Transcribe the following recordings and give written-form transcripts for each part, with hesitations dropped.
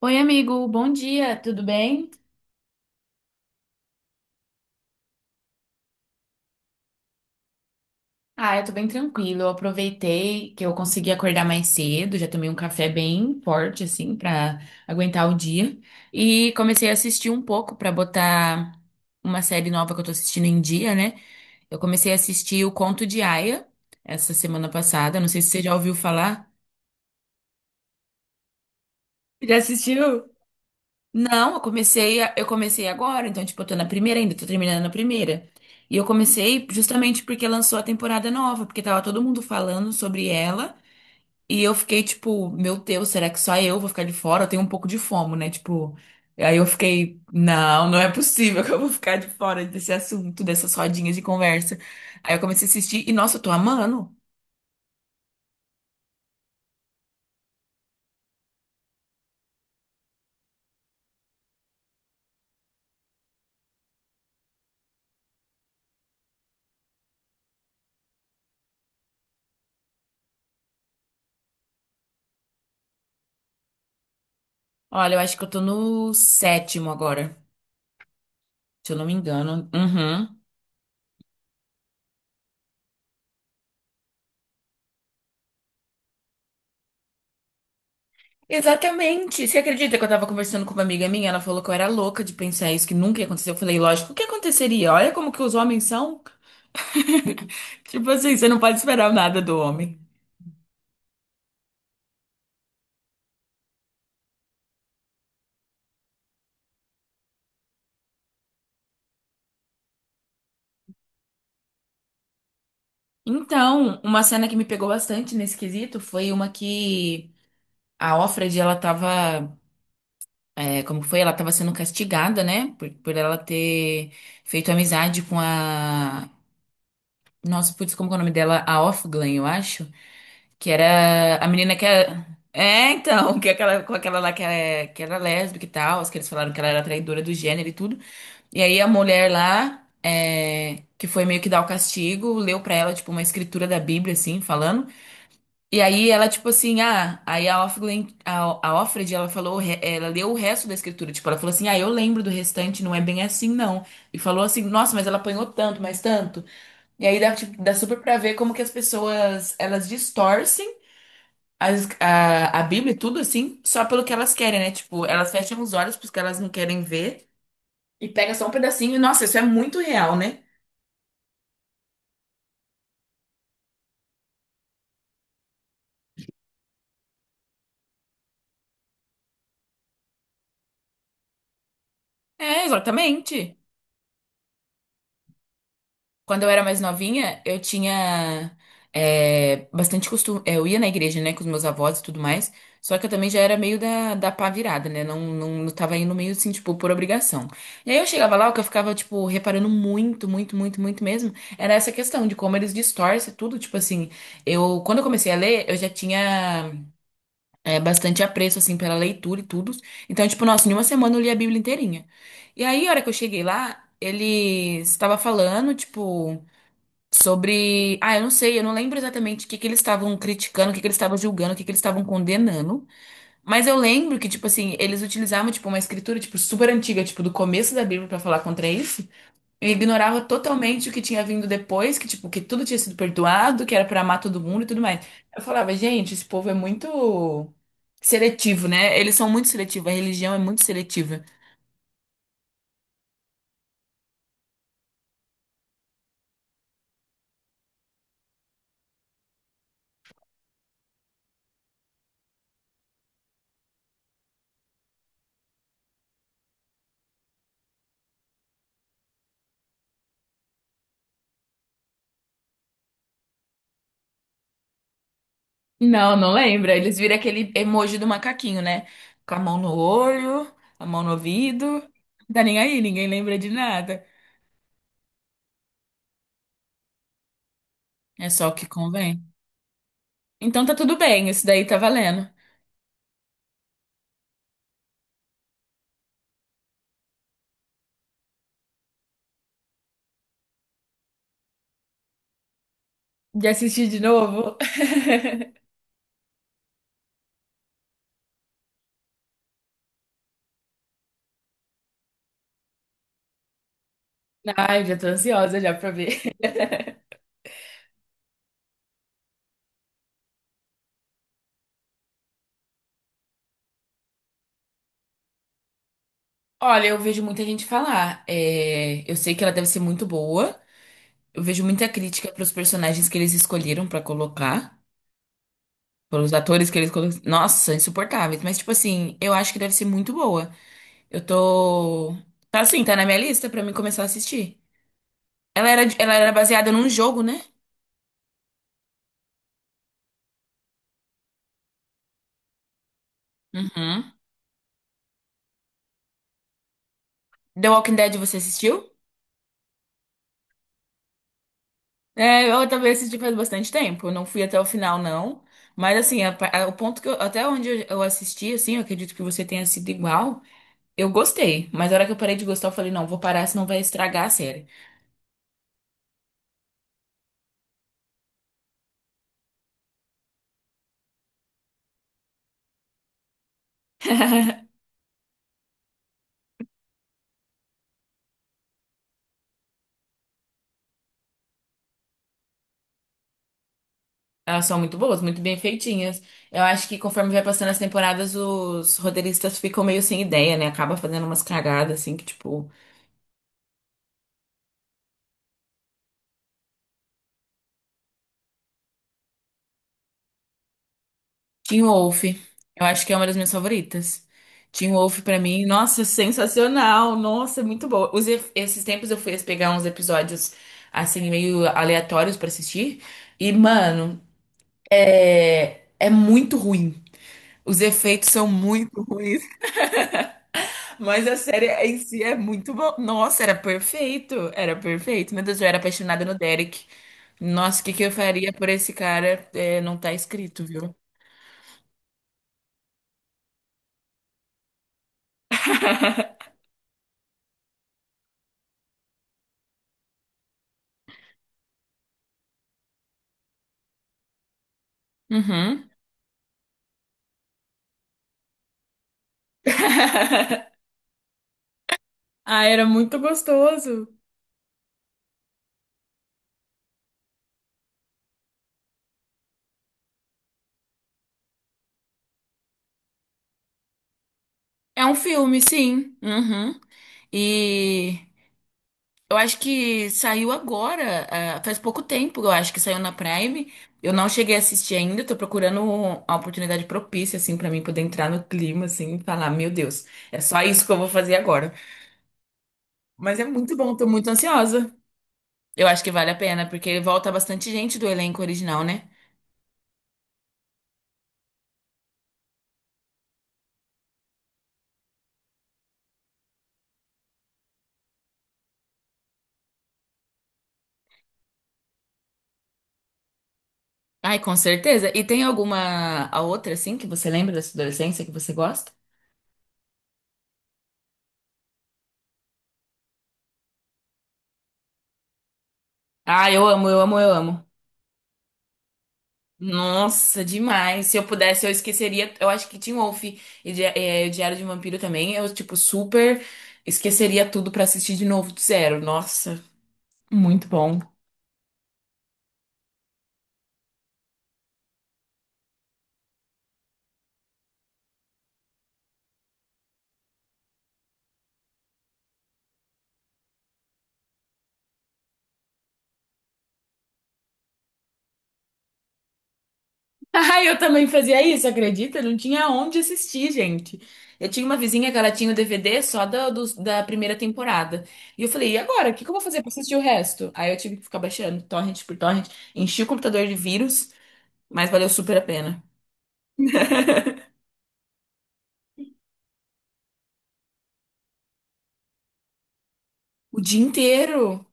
Oi, amigo, bom dia, tudo bem? Ah, eu tô bem tranquilo. Eu aproveitei que eu consegui acordar mais cedo, já tomei um café bem forte, assim, pra aguentar o dia. E comecei a assistir um pouco pra botar uma série nova que eu tô assistindo em dia, né? Eu comecei a assistir O Conto de Aia essa semana passada, não sei se você já ouviu falar. Já assistiu? Não, eu comecei, eu comecei agora, então, tipo, eu tô na primeira ainda, tô terminando a primeira. E eu comecei justamente porque lançou a temporada nova, porque tava todo mundo falando sobre ela. E eu fiquei, tipo, meu Deus, será que só eu vou ficar de fora? Eu tenho um pouco de fomo, né? Tipo, aí eu fiquei, não, não é possível que eu vou ficar de fora desse assunto, dessas rodinhas de conversa. Aí eu comecei a assistir e, nossa, eu tô amando. Olha, eu acho que eu tô no sétimo agora, se eu não me engano. Uhum. Exatamente. Você acredita que eu tava conversando com uma amiga minha? Ela falou que eu era louca de pensar isso, que nunca ia acontecer. Eu falei, lógico, o que aconteceria? Olha como que os homens são. Tipo assim, você não pode esperar nada do homem. Então, uma cena que me pegou bastante nesse quesito foi uma que a Offred, ela tava, como foi? Ela tava sendo castigada, né? Por ela ter feito amizade com a... Nossa, putz, como que é o nome dela? A Offglen, eu acho. Que era a menina que é. É, então, que é aquela, com aquela lá que era lésbica e tal, as que eles falaram que ela era traidora do gênero e tudo. E aí a mulher lá, que foi meio que dar o castigo, leu pra ela, tipo, uma escritura da Bíblia, assim, falando. E aí ela, tipo assim, aí a Offred, a Offred, ela falou, ela leu o resto da escritura, tipo, ela falou assim, ah, eu lembro do restante, não é bem assim, não. E falou assim, nossa, mas ela apanhou tanto, mas tanto. E aí dá, tipo, dá super pra ver como que as pessoas, elas distorcem a Bíblia e tudo assim, só pelo que elas querem, né? Tipo, elas fecham os olhos porque elas não querem ver e pega só um pedacinho. E, nossa, isso é muito real, né? É, exatamente. Quando eu era mais novinha, eu tinha bastante costume. Eu ia na igreja, né, com os meus avós e tudo mais. Só que eu também já era meio da pá virada, né? Não, não, não tava indo meio assim, tipo, por obrigação. E aí eu chegava lá, o que eu ficava, tipo, reparando muito, muito, muito, muito mesmo, era essa questão de como eles distorcem tudo. Tipo assim, eu, quando eu comecei a ler, eu já tinha bastante apreço, assim, pela leitura e tudo. Então, tipo, nossa, em uma semana eu li a Bíblia inteirinha. E aí, a hora que eu cheguei lá, ele estava falando, tipo sobre. Ah, eu não sei, eu não lembro exatamente o que que eles estavam criticando, o que que eles estavam julgando, o que que eles estavam condenando. Mas eu lembro que, tipo assim, eles utilizavam, tipo, uma escritura, tipo, super antiga, tipo, do começo da Bíblia pra falar contra isso. E ignorava totalmente o que tinha vindo depois, que, tipo, que tudo tinha sido perdoado, que era pra amar todo mundo e tudo mais. Eu falava, gente, esse povo é muito seletivo, né? Eles são muito seletivos, a religião é muito seletiva. Não, não lembra. Eles viram aquele emoji do macaquinho, né? Com a mão no olho, a mão no ouvido. Não, tá nem aí, ninguém lembra de nada. É só o que convém. Então tá tudo bem, isso daí tá valendo. De assistir de novo? Ai, já tô ansiosa já pra ver. Olha, eu vejo muita gente falar. Eu sei que ela deve ser muito boa. Eu vejo muita crítica pros personagens que eles escolheram pra colocar. Pelos atores que eles colocaram. Nossa, insuportáveis. Mas, tipo assim, eu acho que deve ser muito boa. Eu tô. Tá assim, tá na minha lista pra mim começar a assistir. Ela era baseada num jogo, né? Uhum. The Walking Dead você assistiu? É, eu também assisti faz bastante tempo. Eu não fui até o final, não. Mas assim, o ponto que eu, até onde eu assisti, assim, eu acredito que você tenha sido igual. Eu gostei. Mas na hora que eu parei de gostar, eu falei, não, vou parar, senão vai estragar a série. Elas são muito boas, muito bem feitinhas. Eu acho que conforme vai passando as temporadas, os roteiristas ficam meio sem ideia, né? Acaba fazendo umas cagadas, assim, que, tipo. Teen Wolf. Eu acho que é uma das minhas favoritas. Teen Wolf pra mim, nossa, sensacional. Nossa, muito boa. Esses tempos eu fui pegar uns episódios assim meio aleatórios pra assistir e, mano, é muito ruim. Os efeitos são muito ruins, mas a série em si é muito boa. Nossa, era perfeito, era perfeito. Meu Deus, eu era apaixonada no Derek. Nossa, o que que eu faria por esse cara? É, não tá escrito, viu? Uhum. Ah, era muito gostoso. É um filme, sim. Uhum. E eu acho que saiu agora, faz pouco tempo, eu acho que saiu na Prime. Eu não cheguei a assistir ainda, tô procurando a oportunidade propícia, assim, pra mim poder entrar no clima, assim, e falar, meu Deus, é só isso que eu vou fazer agora. Mas é muito bom, tô muito ansiosa. Eu acho que vale a pena, porque volta bastante gente do elenco original, né? Ai, com certeza. E tem alguma a outra, assim, que você lembra da sua adolescência que você gosta? Ah, eu amo, eu amo, eu amo. Nossa, demais. Se eu pudesse, eu esqueceria. Eu acho que Teen Wolf e Diário de um Vampiro também. Eu, tipo, super esqueceria tudo pra assistir de novo do zero. Nossa, muito bom. Ah, eu também fazia isso, acredita? Não tinha onde assistir, gente. Eu tinha uma vizinha que ela tinha o DVD só da primeira temporada. E eu falei, e agora? O que que eu vou fazer pra assistir o resto? Aí eu tive que ficar baixando torrent por torrent. Enchi o computador de vírus, mas valeu super a pena. O dia inteiro.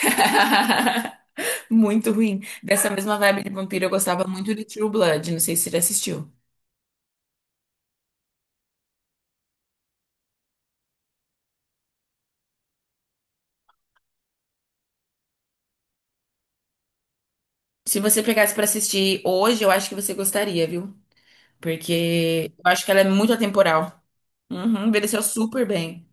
Muito ruim. Dessa mesma vibe de vampiro, eu gostava muito de True Blood. Não sei se você já assistiu. Se você pegasse pra assistir hoje, eu acho que você gostaria, viu? Porque eu acho que ela é muito atemporal. Uhum, envelheceu super bem.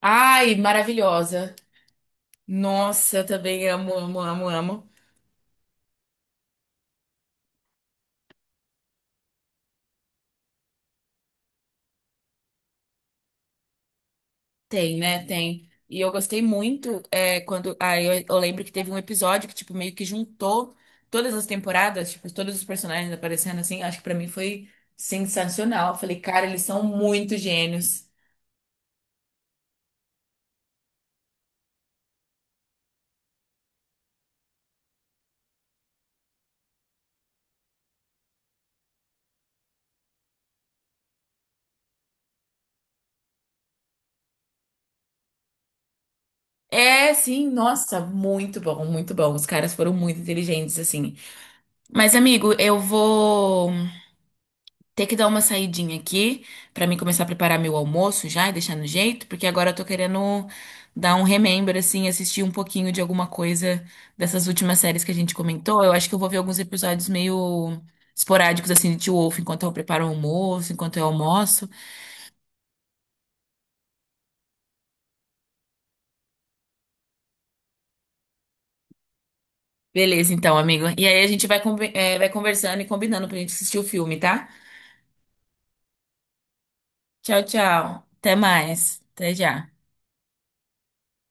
Ai, maravilhosa. Nossa, eu também amo, amo, amo, amo. Tem, né? Tem. E eu gostei muito é, quando. Aí eu lembro que teve um episódio que, tipo, meio que juntou todas as temporadas, tipo, todos os personagens aparecendo assim. Acho que pra mim foi sensacional. Eu falei, cara, eles são muito gênios. É, sim, nossa, muito bom, muito bom. Os caras foram muito inteligentes, assim. Mas, amigo, eu vou ter que dar uma saidinha aqui pra mim começar a preparar meu almoço já e deixar no jeito, porque agora eu tô querendo dar um remember, assim, assistir um pouquinho de alguma coisa dessas últimas séries que a gente comentou. Eu acho que eu vou ver alguns episódios meio esporádicos, assim, de Teen Wolf, enquanto eu preparo o almoço, enquanto eu almoço. Beleza, então, amigo. E aí a gente vai, vai conversando e combinando pra gente assistir o filme, tá? Tchau, tchau. Até mais. Até já.